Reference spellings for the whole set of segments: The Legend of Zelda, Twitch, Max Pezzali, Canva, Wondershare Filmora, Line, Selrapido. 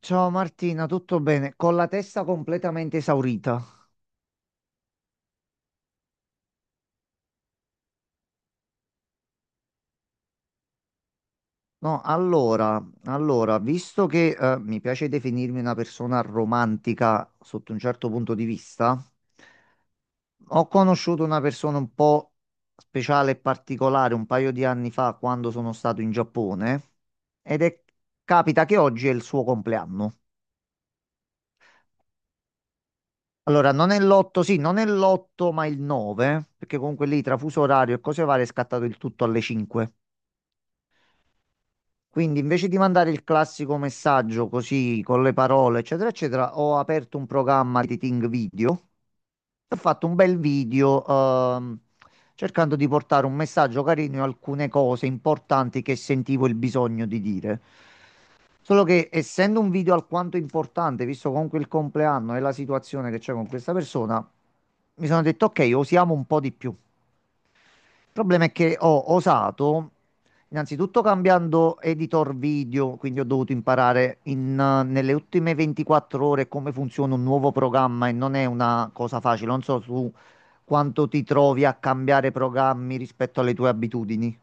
Ciao Martina, tutto bene? Con la testa completamente esaurita. No, visto che mi piace definirmi una persona romantica sotto un certo punto di vista, ho conosciuto una persona un po' speciale e particolare un paio di anni fa quando sono stato in Giappone ed è capita che oggi è il suo compleanno. Allora, non è l'8, sì, non è l'8, ma il 9, perché comunque lì tra fuso orario e cose varie è scattato il tutto alle 5. Quindi invece di mandare il classico messaggio così con le parole, eccetera, eccetera, ho aperto un programma di editing video e ho fatto un bel video ehm, cercando di portare un messaggio carino e alcune cose importanti che sentivo il bisogno di dire. Solo che essendo un video alquanto importante, visto comunque il compleanno e la situazione che c'è con questa persona, mi sono detto ok, osiamo un po' di più. Il problema è che ho osato, innanzitutto cambiando editor video, quindi ho dovuto imparare nelle ultime 24 ore come funziona un nuovo programma e non è una cosa facile. Non so su quanto ti trovi a cambiare programmi rispetto alle tue abitudini.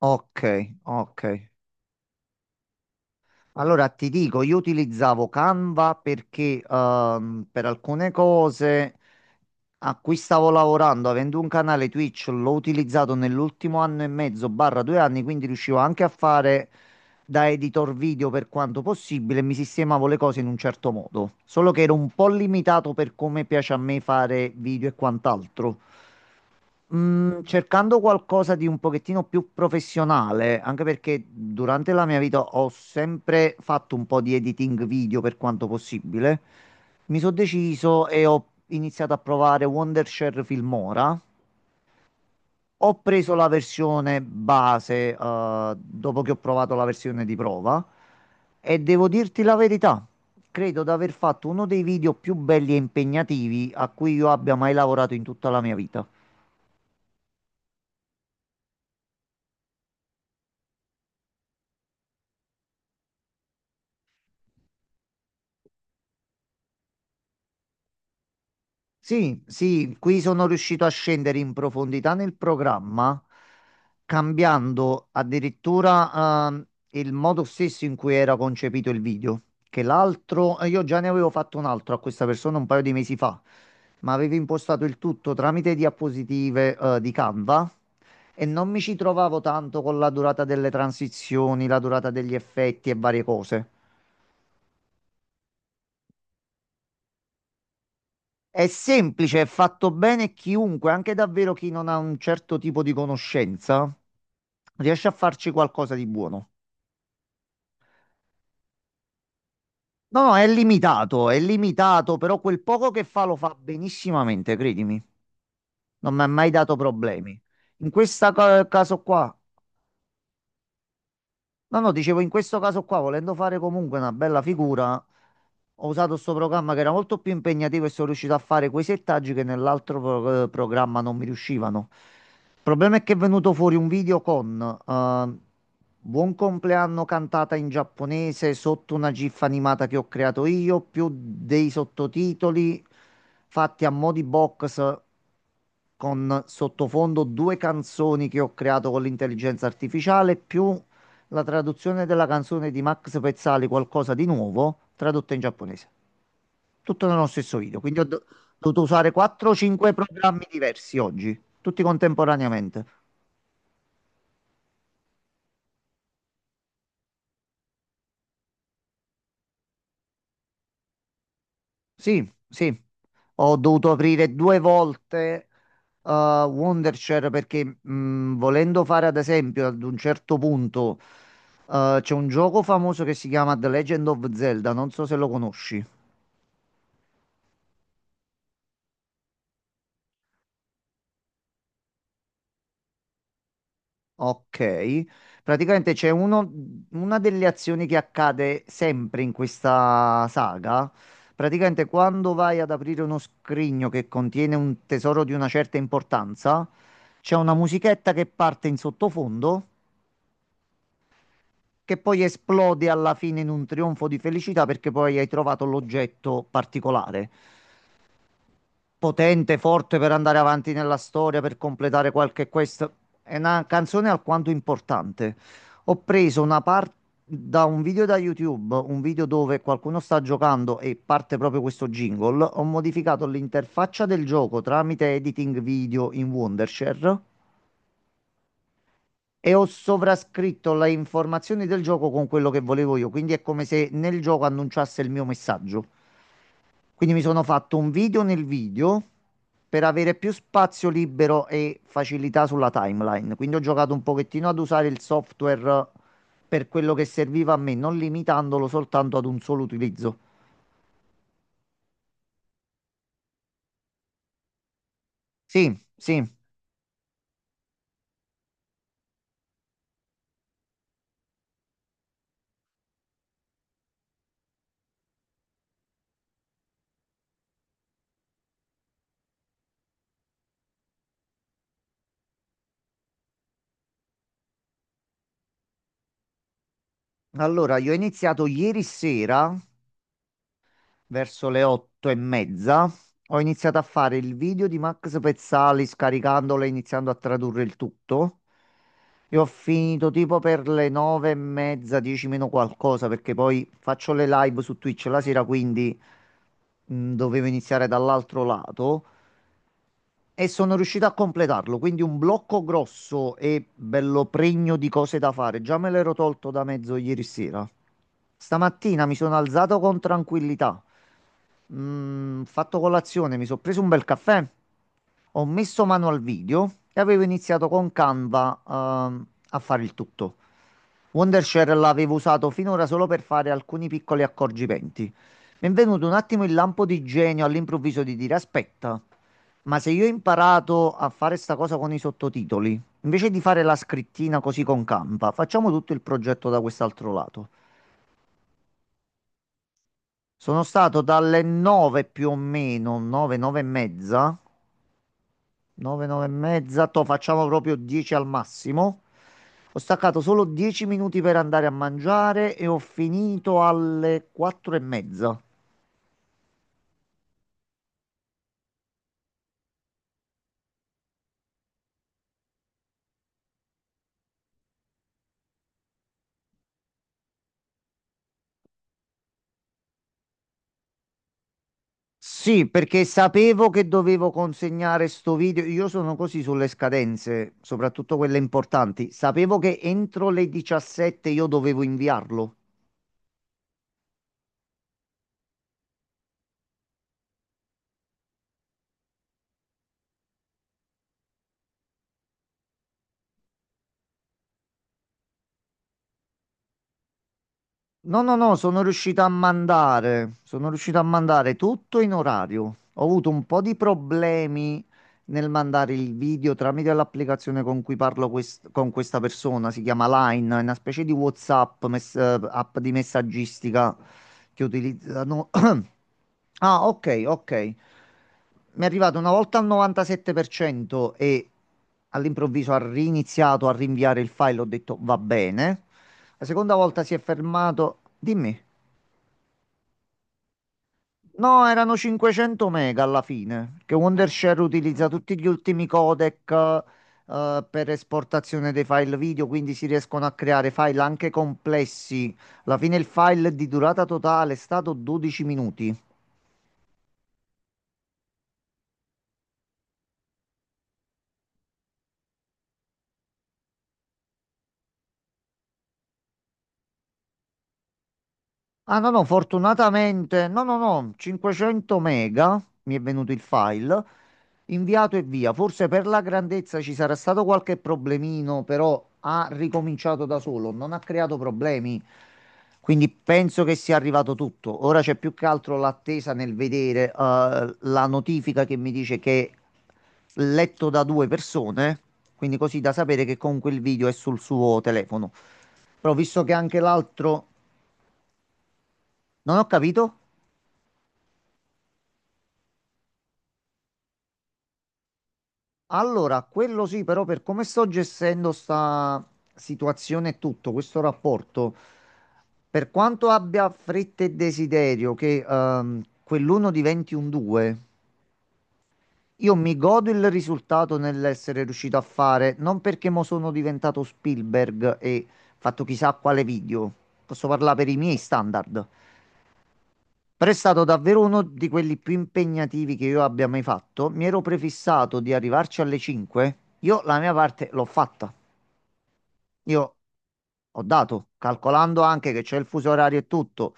Ok, ok. Allora ti dico, io utilizzavo Canva perché per alcune cose a cui stavo lavorando, avendo un canale Twitch, l'ho utilizzato nell'ultimo anno e mezzo, barra 2 anni, quindi riuscivo anche a fare da editor video per quanto possibile, e mi sistemavo le cose in un certo modo, solo che ero un po' limitato per come piace a me fare video e quant'altro. Cercando qualcosa di un pochettino più professionale, anche perché durante la mia vita ho sempre fatto un po' di editing video per quanto possibile, mi sono deciso e ho iniziato a provare Wondershare Filmora. Ho preso la versione base, dopo che ho provato la versione di prova e devo dirti la verità, credo di aver fatto uno dei video più belli e impegnativi a cui io abbia mai lavorato in tutta la mia vita. Sì, sì, qui sono riuscito a scendere in profondità nel programma, cambiando addirittura il modo stesso in cui era concepito il video. Che l'altro, io già ne avevo fatto un altro a questa persona un paio di mesi fa, ma avevo impostato il tutto tramite diapositive di Canva e non mi ci trovavo tanto con la durata delle transizioni, la durata degli effetti e varie cose. È semplice, è fatto bene chiunque, anche davvero chi non ha un certo tipo di conoscenza, riesce a farci qualcosa di buono. No, no, è limitato, però quel poco che fa lo fa benissimamente, credimi. Non mi ha mai dato problemi. In questo caso qua No, no, dicevo, in questo caso qua, volendo fare comunque una bella figura, ho usato questo programma che era molto più impegnativo e sono riuscito a fare quei settaggi che nell'altro programma non mi riuscivano. Il problema è che è venuto fuori un video con eh, Buon compleanno cantata in giapponese sotto una GIF animata che ho creato io, più dei sottotitoli fatti a mo' di box con sottofondo due canzoni che ho creato con l'intelligenza artificiale, più la traduzione della canzone di Max Pezzali, Qualcosa di nuovo, tradotta in giapponese. Tutto nello stesso video. Quindi dovuto usare 4-5 programmi diversi oggi, tutti contemporaneamente. Sì, sì, ho dovuto aprire due volte Wondershare perché volendo fare ad esempio ad un certo punto c'è un gioco famoso che si chiama The Legend of Zelda, non so se lo conosci. Ok, praticamente una delle azioni che accade sempre in questa saga. Praticamente quando vai ad aprire uno scrigno che contiene un tesoro di una certa importanza, c'è una musichetta che parte in sottofondo che poi esplode alla fine in un trionfo di felicità perché poi hai trovato l'oggetto particolare, potente, forte per andare avanti nella storia, per completare qualche quest. È una canzone alquanto importante. Ho preso una parte da un video da YouTube, un video dove qualcuno sta giocando e parte proprio questo jingle. Ho modificato l'interfaccia del gioco tramite editing video in Wondershare e ho sovrascritto le informazioni del gioco con quello che volevo io. Quindi è come se nel gioco annunciasse il mio messaggio. Quindi mi sono fatto un video nel video per avere più spazio libero e facilità sulla timeline. Quindi ho giocato un pochettino ad usare il software per quello che serviva a me, non limitandolo soltanto ad un solo utilizzo. Sì, sì. Allora, io ho iniziato ieri sera, verso le 8:30, ho iniziato a fare il video di Max Pezzali scaricandolo e iniziando a tradurre il tutto. E ho finito tipo per le 9:30, dieci meno qualcosa, perché poi faccio le live su Twitch la sera, quindi dovevo iniziare dall'altro lato. E sono riuscito a completarlo, quindi un blocco grosso e bello pregno di cose da fare. Già me l'ero tolto da mezzo ieri sera. Stamattina mi sono alzato con tranquillità, fatto colazione, mi sono preso un bel caffè, ho messo mano al video e avevo iniziato con Canva, a fare il tutto. Wondershare l'avevo usato finora solo per fare alcuni piccoli accorgimenti. Mi è venuto un attimo il lampo di genio all'improvviso di dire: Aspetta, ma se io ho imparato a fare sta cosa con i sottotitoli, invece di fare la scrittina così con Canva, facciamo tutto il progetto da quest'altro lato. Sono stato dalle 9 più o meno, 9, 9 e mezza, to facciamo proprio 10 al massimo. Ho staccato solo 10 minuti per andare a mangiare e ho finito alle 4 e mezza. Sì, perché sapevo che dovevo consegnare sto video. Io sono così sulle scadenze, soprattutto quelle importanti. Sapevo che entro le 17 io dovevo inviarlo. No, no, no, sono riuscito a mandare tutto in orario. Ho avuto un po' di problemi nel mandare il video tramite l'applicazione con cui parlo con questa persona, si chiama Line, è una specie di WhatsApp, app di messaggistica che utilizzano. Ah, ok, ok. Mi è arrivato una volta al 97% e all'improvviso ha riniziato a rinviare il file, ho detto va bene. La seconda volta si è fermato. Dimmi. No, erano 500 mega alla fine, perché Wondershare utilizza tutti gli ultimi codec per esportazione dei file video, quindi si riescono a creare file anche complessi. Alla fine il file di durata totale è stato 12 minuti. Ah no, no, fortunatamente, no, no, no, 500 mega, mi è venuto il file, inviato e via. Forse per la grandezza ci sarà stato qualche problemino, però ha ricominciato da solo, non ha creato problemi. Quindi penso che sia arrivato tutto. Ora c'è più che altro l'attesa nel vedere la notifica che mi dice che è letto da due persone, quindi così da sapere che comunque il video è sul suo telefono. Però visto che anche l'altro... Non ho capito. Allora, quello sì, però per come sto gestendo sta situazione e tutto, questo rapporto, per quanto abbia fretta e desiderio che quell'uno diventi un due, io mi godo il risultato nell'essere riuscito a fare, non perché mo sono diventato Spielberg e fatto chissà quale video, posso parlare per i miei standard. Però è stato davvero uno di quelli più impegnativi che io abbia mai fatto. Mi ero prefissato di arrivarci alle 5. Io la mia parte l'ho fatta. Io ho dato, calcolando anche che c'è il fuso orario e tutto.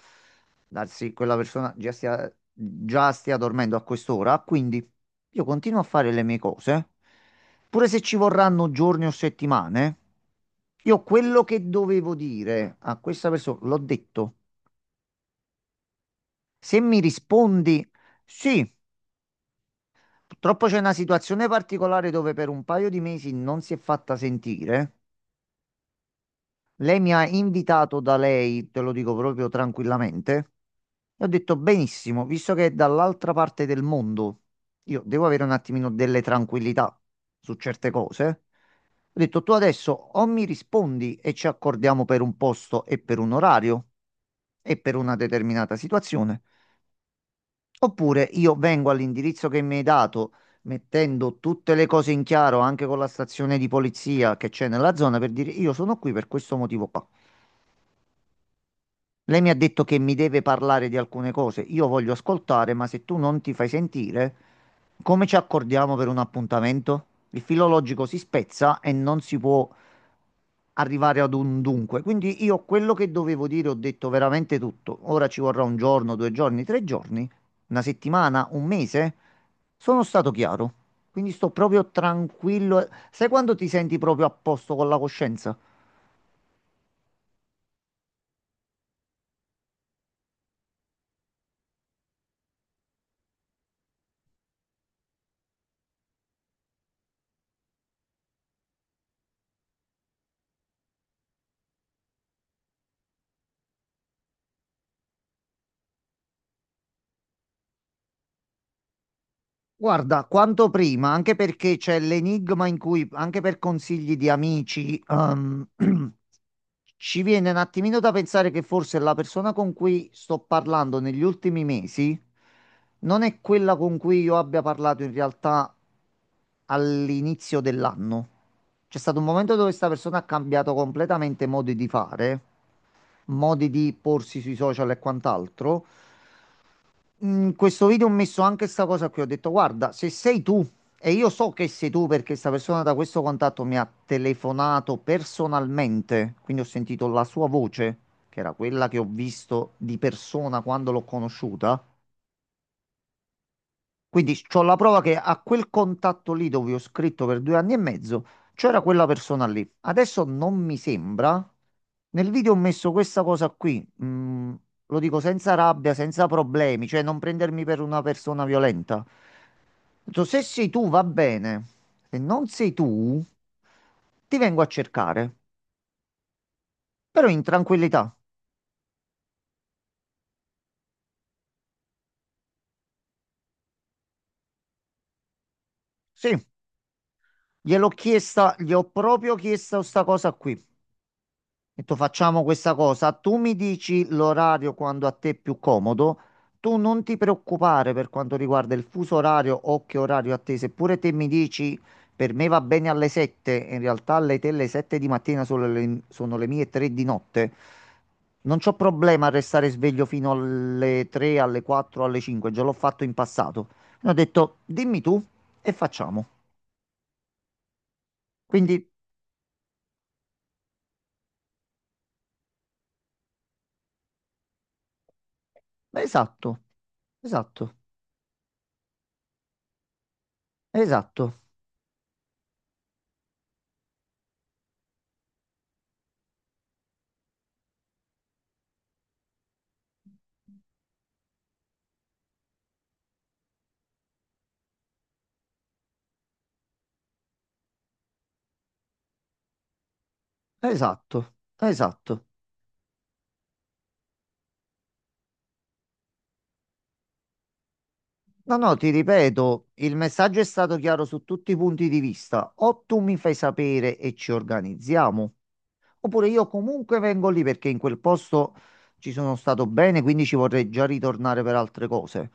Darsi quella persona già stia dormendo a quest'ora. Quindi io continuo a fare le mie cose. Pure se ci vorranno giorni o settimane, io quello che dovevo dire a questa persona l'ho detto. Se mi rispondi, sì. Purtroppo c'è una situazione particolare dove per un paio di mesi non si è fatta sentire. Lei mi ha invitato da lei, te lo dico proprio tranquillamente. E ho detto benissimo, visto che è dall'altra parte del mondo, io devo avere un attimino delle tranquillità su certe cose. Ho detto tu adesso o mi rispondi e ci accordiamo per un posto e per un orario e per una determinata situazione, oppure io vengo all'indirizzo che mi hai dato, mettendo tutte le cose in chiaro anche con la stazione di polizia che c'è nella zona per dire io sono qui per questo motivo qua. Lei mi ha detto che mi deve parlare di alcune cose. Io voglio ascoltare, ma se tu non ti fai sentire, come ci accordiamo per un appuntamento? Il filologico si spezza e non si può arrivare ad un dunque. Quindi io quello che dovevo dire ho detto veramente tutto. Ora ci vorrà un giorno, 2 giorni, 3 giorni, una settimana, un mese. Sono stato chiaro. Quindi sto proprio tranquillo. Sai quando ti senti proprio a posto con la coscienza? Guarda, quanto prima, anche perché c'è l'enigma in cui, anche per consigli di amici, ci viene un attimino da pensare che forse la persona con cui sto parlando negli ultimi mesi non è quella con cui io abbia parlato in realtà all'inizio dell'anno. C'è stato un momento dove questa persona ha cambiato completamente modi di fare, modi di porsi sui social e quant'altro in questo video ho messo anche questa cosa qui. Ho detto, guarda, se sei tu, e io so che sei tu perché questa persona da questo contatto mi ha telefonato personalmente, quindi ho sentito la sua voce, che era quella che ho visto di persona quando l'ho conosciuta. Quindi c'ho la prova che a quel contatto lì dove ho scritto per 2 anni e mezzo c'era quella persona lì. Adesso non mi sembra. Nel video ho messo questa cosa qui, lo dico senza rabbia, senza problemi, cioè non prendermi per una persona violenta. Ho detto, se sei tu va bene, se non sei tu ti vengo a cercare, però in tranquillità. Sì, gliel'ho chiesta, gli ho proprio chiesto sta cosa qui. Ho detto facciamo questa cosa, tu mi dici l'orario quando a te è più comodo, tu non ti preoccupare per quanto riguarda il fuso orario o che orario a te, seppure te mi dici per me va bene alle 7, in realtà alle te le 7 di mattina sono le mie 3 di notte, non c'ho problema a restare sveglio fino alle 3, alle 4, alle 5, già l'ho fatto in passato. Mi ho detto dimmi tu e facciamo. Quindi, esatto, esatto, esatto. Esatto, esatto. No, no, ti ripeto, il messaggio è stato chiaro su tutti i punti di vista. O tu mi fai sapere e ci organizziamo, oppure io comunque vengo lì perché in quel posto ci sono stato bene, quindi ci vorrei già ritornare per altre cose.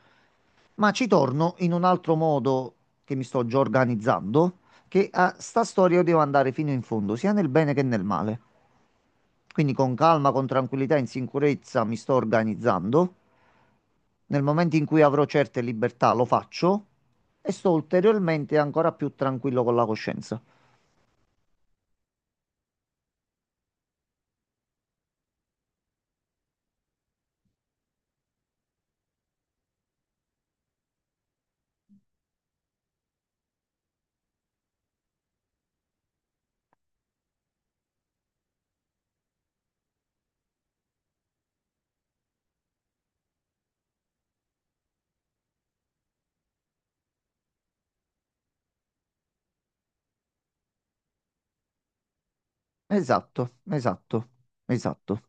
Ma ci torno in un altro modo che mi sto già organizzando, che a sta storia io devo andare fino in fondo, sia nel bene che nel male. Quindi con calma, con tranquillità, in sicurezza mi sto organizzando. Nel momento in cui avrò certe libertà lo faccio e sto ulteriormente ancora più tranquillo con la coscienza. Esatto, esatto, esatto.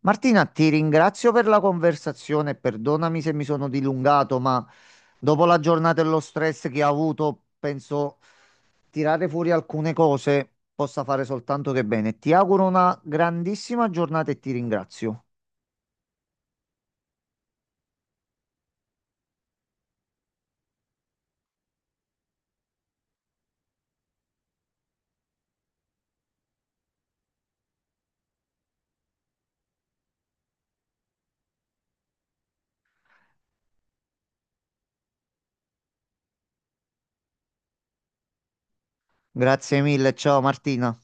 Martina, ti ringrazio per la conversazione. Perdonami se mi sono dilungato, ma dopo la giornata e lo stress che ho avuto, penso tirare fuori alcune cose possa fare soltanto che bene. Ti auguro una grandissima giornata e ti ringrazio. Grazie mille, ciao Martina.